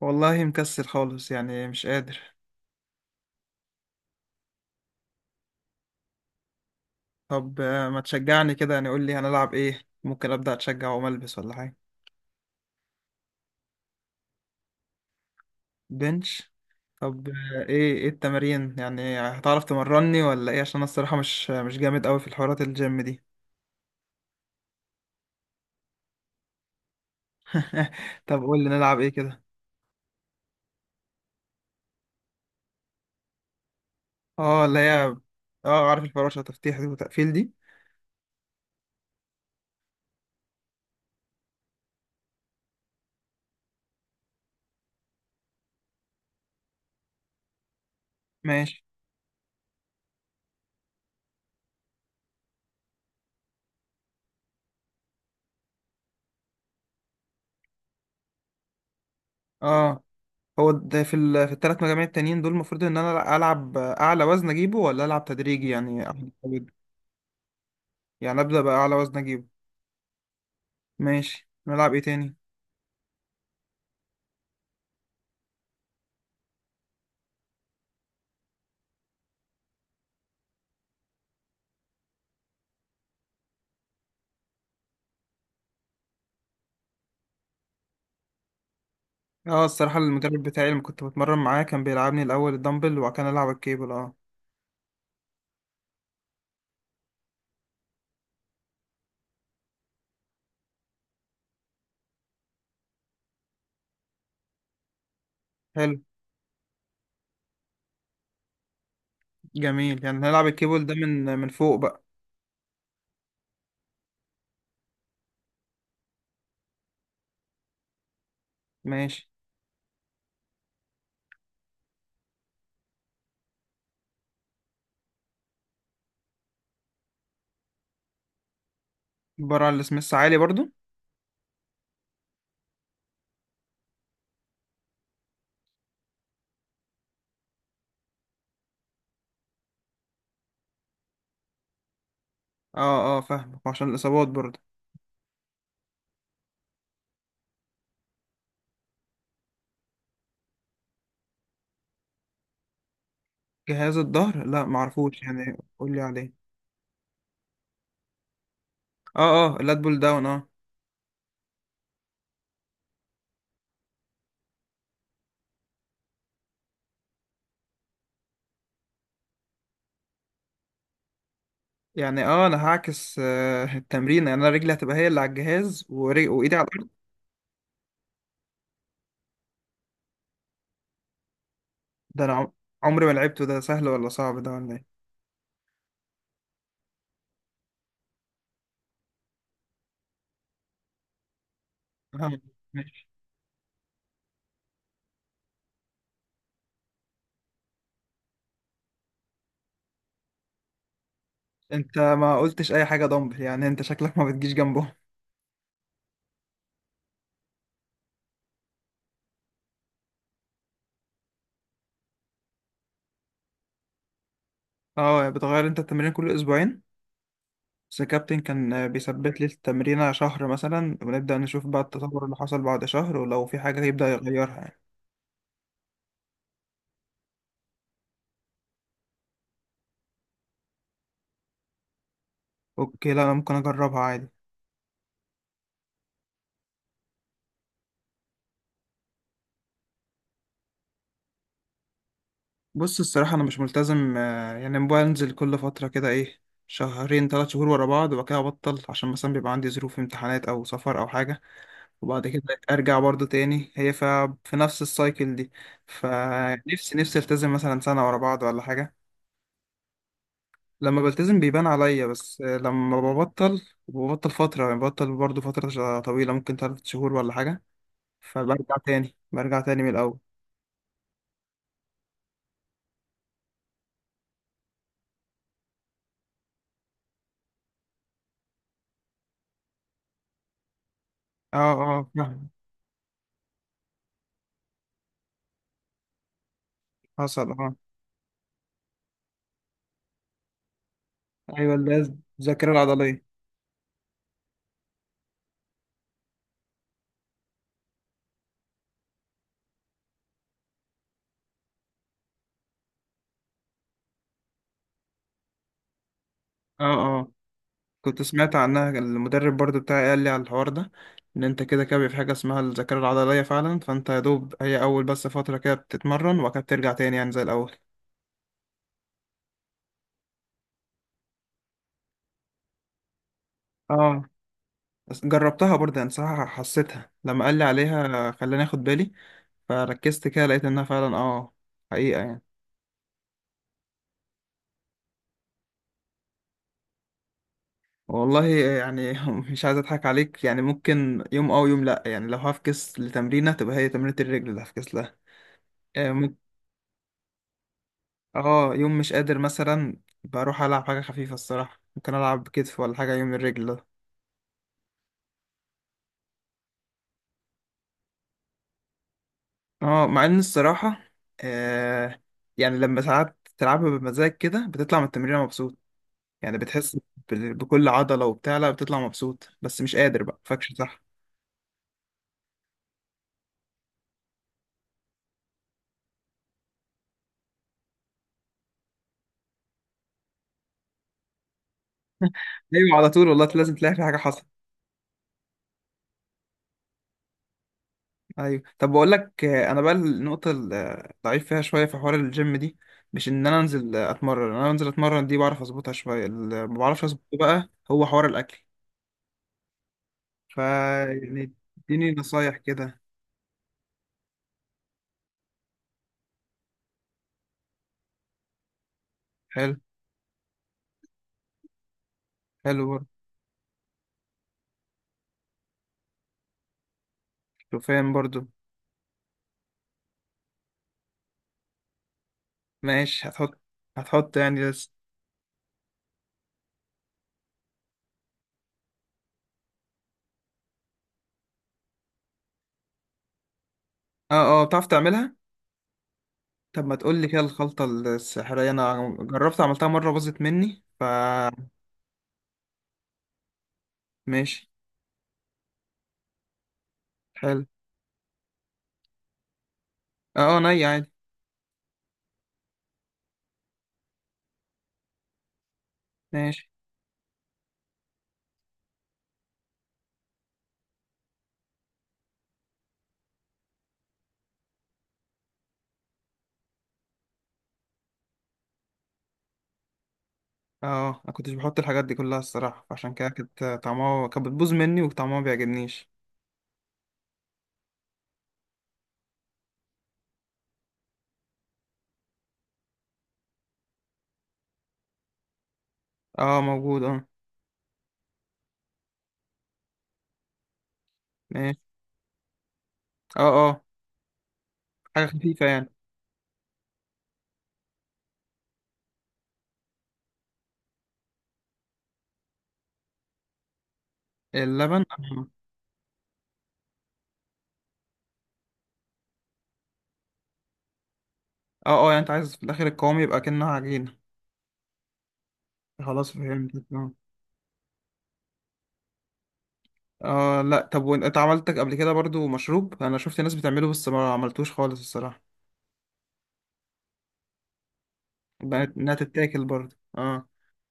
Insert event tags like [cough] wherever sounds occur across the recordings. والله مكسل خالص يعني مش قادر. طب ما تشجعني كده يعني؟ قول لي هنلعب ايه، ممكن ابدا اتشجع وأقوم ألبس ولا حاجه. بنش؟ طب ايه التمارين يعني؟ هتعرف تمرني ولا ايه؟ عشان انا الصراحه مش جامد قوي في الحوارات الجيم دي. [laughs] طب قول لي نلعب ايه كده. اه، اللي هي اه، عارف الفراشه؟ تفتيح دي وتقفيل دي. ماشي. اه، هو ده في في الثلاث مجاميع التانيين دول المفروض ان انا العب اعلى وزن اجيبه ولا العب تدريجي يعني يعني ابدا باعلى وزن اجيبه؟ ماشي، نلعب ايه تاني؟ اه، الصراحة المدرب بتاعي اللي كنت بتمرن معاه كان بيلعبني الأول الدمبل وكان ألعب الكيبل، اه. حلو. جميل، يعني هنلعب الكيبل ده من فوق بقى؟ ماشي. بره على السميث عالي برضو. اه اه، فاهمك عشان الإصابات برضو. جهاز الظهر لا معرفوش، يعني قولي عليه. اه. اه، اللات بول داون، اه. يعني اه، انا هعكس [laughs] التمرين، يعني انا رجلي هتبقى هي اللي على الجهاز وايدي على الارض. ده انا عم- عمري ما لعبته. ده سهل ولا صعب ده ولا ايه؟ آه، انت ما قلتش اي حاجه دمبل، يعني انت شكلك ما بتجيش جنبهم. اه، بتغير انت التمرين كل اسبوعين؟ بس الكابتن كان بيثبت لي التمرينه شهر مثلا، ونبدا نشوف بقى التطور اللي حصل بعد شهر، ولو في حاجه يبدا يغيرها يعني. اوكي، لا انا ممكن اجربها عادي. بص الصراحه انا مش ملتزم، يعني بنزل كل فتره كده ايه، شهرين ثلاث شهور ورا بعض، وبعد كده ابطل عشان مثلا بيبقى عندي ظروف امتحانات او سفر او حاجه. وبعد كده ارجع برضو تاني، في نفس السايكل دي. فنفسي التزم مثلا سنة ورا بعض ولا حاجة. لما بلتزم بيبان عليا، بس لما ببطل ببطل فترة، يعني ببطل برضو فترة طويلة ممكن تلات شهور ولا حاجة. فبرجع تاني، برجع تاني من الأول. اه اه، فاهم. حصل، اه. ايوه، اللي هي الذاكرة العضلية. اه اه، كنت سمعت عنها، المدرب برضو بتاعي قال لي على الحوار ده، ان انت كده كده بيبقى في حاجه اسمها الذاكره العضليه فعلا، فانت يا دوب هي اول بس فتره كده بتتمرن وبعد كده بترجع تاني يعني زي الاول. اه، بس جربتها برضه يعني، صراحه حسيتها لما قال لي عليها خلاني اخد بالي، فركزت كده لقيت انها فعلا اه، حقيقه يعني. والله يعني [laughs] مش عايز اضحك عليك، يعني ممكن يوم اه ويوم لا، يعني لو هفكس لتمرينه تبقى هي تمرينه الرجل اللي هفكس لها. آه، اه، يوم مش قادر مثلا بروح العب حاجه خفيفه الصراحه، ممكن العب كتف ولا حاجه يوم الرجل ده. اه، مع ان الصراحه آه يعني لما ساعات تلعبها بمزاج كده بتطلع من التمرين مبسوط، يعني بتحس بكل عضله وبتاع، لا بتطلع مبسوط بس مش قادر بقى، فاكش صح؟ ايوه على طول والله، لازم تلاقي في حاجه حصل. ايوه، طب بقول لك انا بقى النقطه الضعيف فيها شويه في حوار الجيم دي، مش ان انا انزل اتمرن، انا انزل اتمرن دي بعرف اظبطها شويه، اللي ما بعرفش اظبطه بقى هو حوار الاكل. فيعني اديني نصايح كده. حلو. حلو برضه. شوفان برضه. ماشي هتحط. هتحط يعني لسه؟ اه اه، بتعرف تعملها؟ طب ما تقول لي كده الخلطة السحرية، انا جربت عملتها مرة باظت مني ف. ماشي. حلو. اه اه، ني عادي. ماشي. اه اه، انا كنتش بحط الحاجات دي كلها الصراحة، فعشان كده كانت طعمها كانت بتبوظ مني وطعمها ما بيعجبنيش. اه موجود، اه. ماشي. اه اه. حاجة خفيفة يعني. اللبن، اه. اه، يعني انت عايز في الاخر القوام يبقى كأنها عجينة؟ خلاص فهمتك، اه. لا، طب وانت عملتك قبل كده برضو مشروب، انا شفت ناس بتعمله بس ما عملتوش خالص الصراحه. بقت انها تتاكل برضو، اه.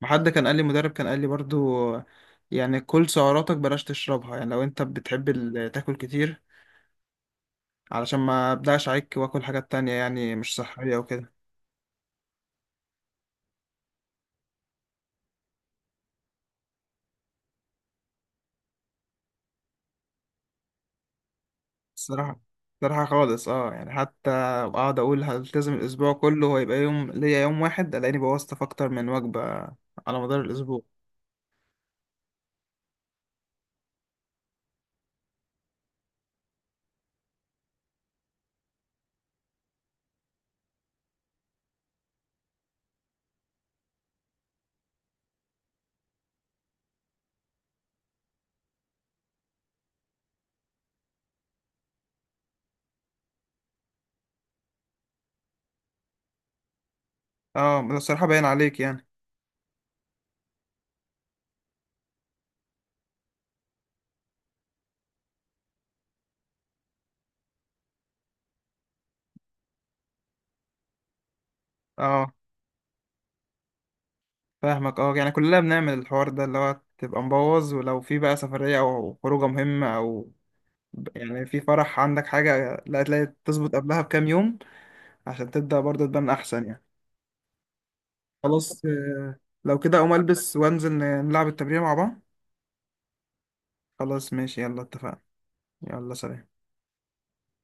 ما حد كان قال لي، مدرب كان قال لي برضو آه، يعني كل سعراتك بلاش تشربها، يعني لو انت بتحب تاكل كتير، علشان ما ابدأش عليك واكل حاجات تانية يعني مش صحيه وكده. الصراحه خالص اه، يعني حتى اقعد اقول هلتزم الاسبوع كله، هو يبقى يوم ليا يوم واحد الاقيني بوظت في اكتر من وجبه على مدار الاسبوع. اه، ده الصراحه باين عليك يعني. اه، فاهمك، اه يعني كلنا بنعمل الحوار ده اللي هو تبقى مبوظ، ولو في بقى سفرية او خروجة مهمة او يعني في فرح عندك حاجة، لا تلاقي تظبط قبلها بكام يوم، عشان تبدأ برضه تبان احسن يعني. خلاص لو كده اقوم البس وانزل نلعب التمرين مع بعض. خلاص ماشي يلا، اتفقنا. يلا سلام.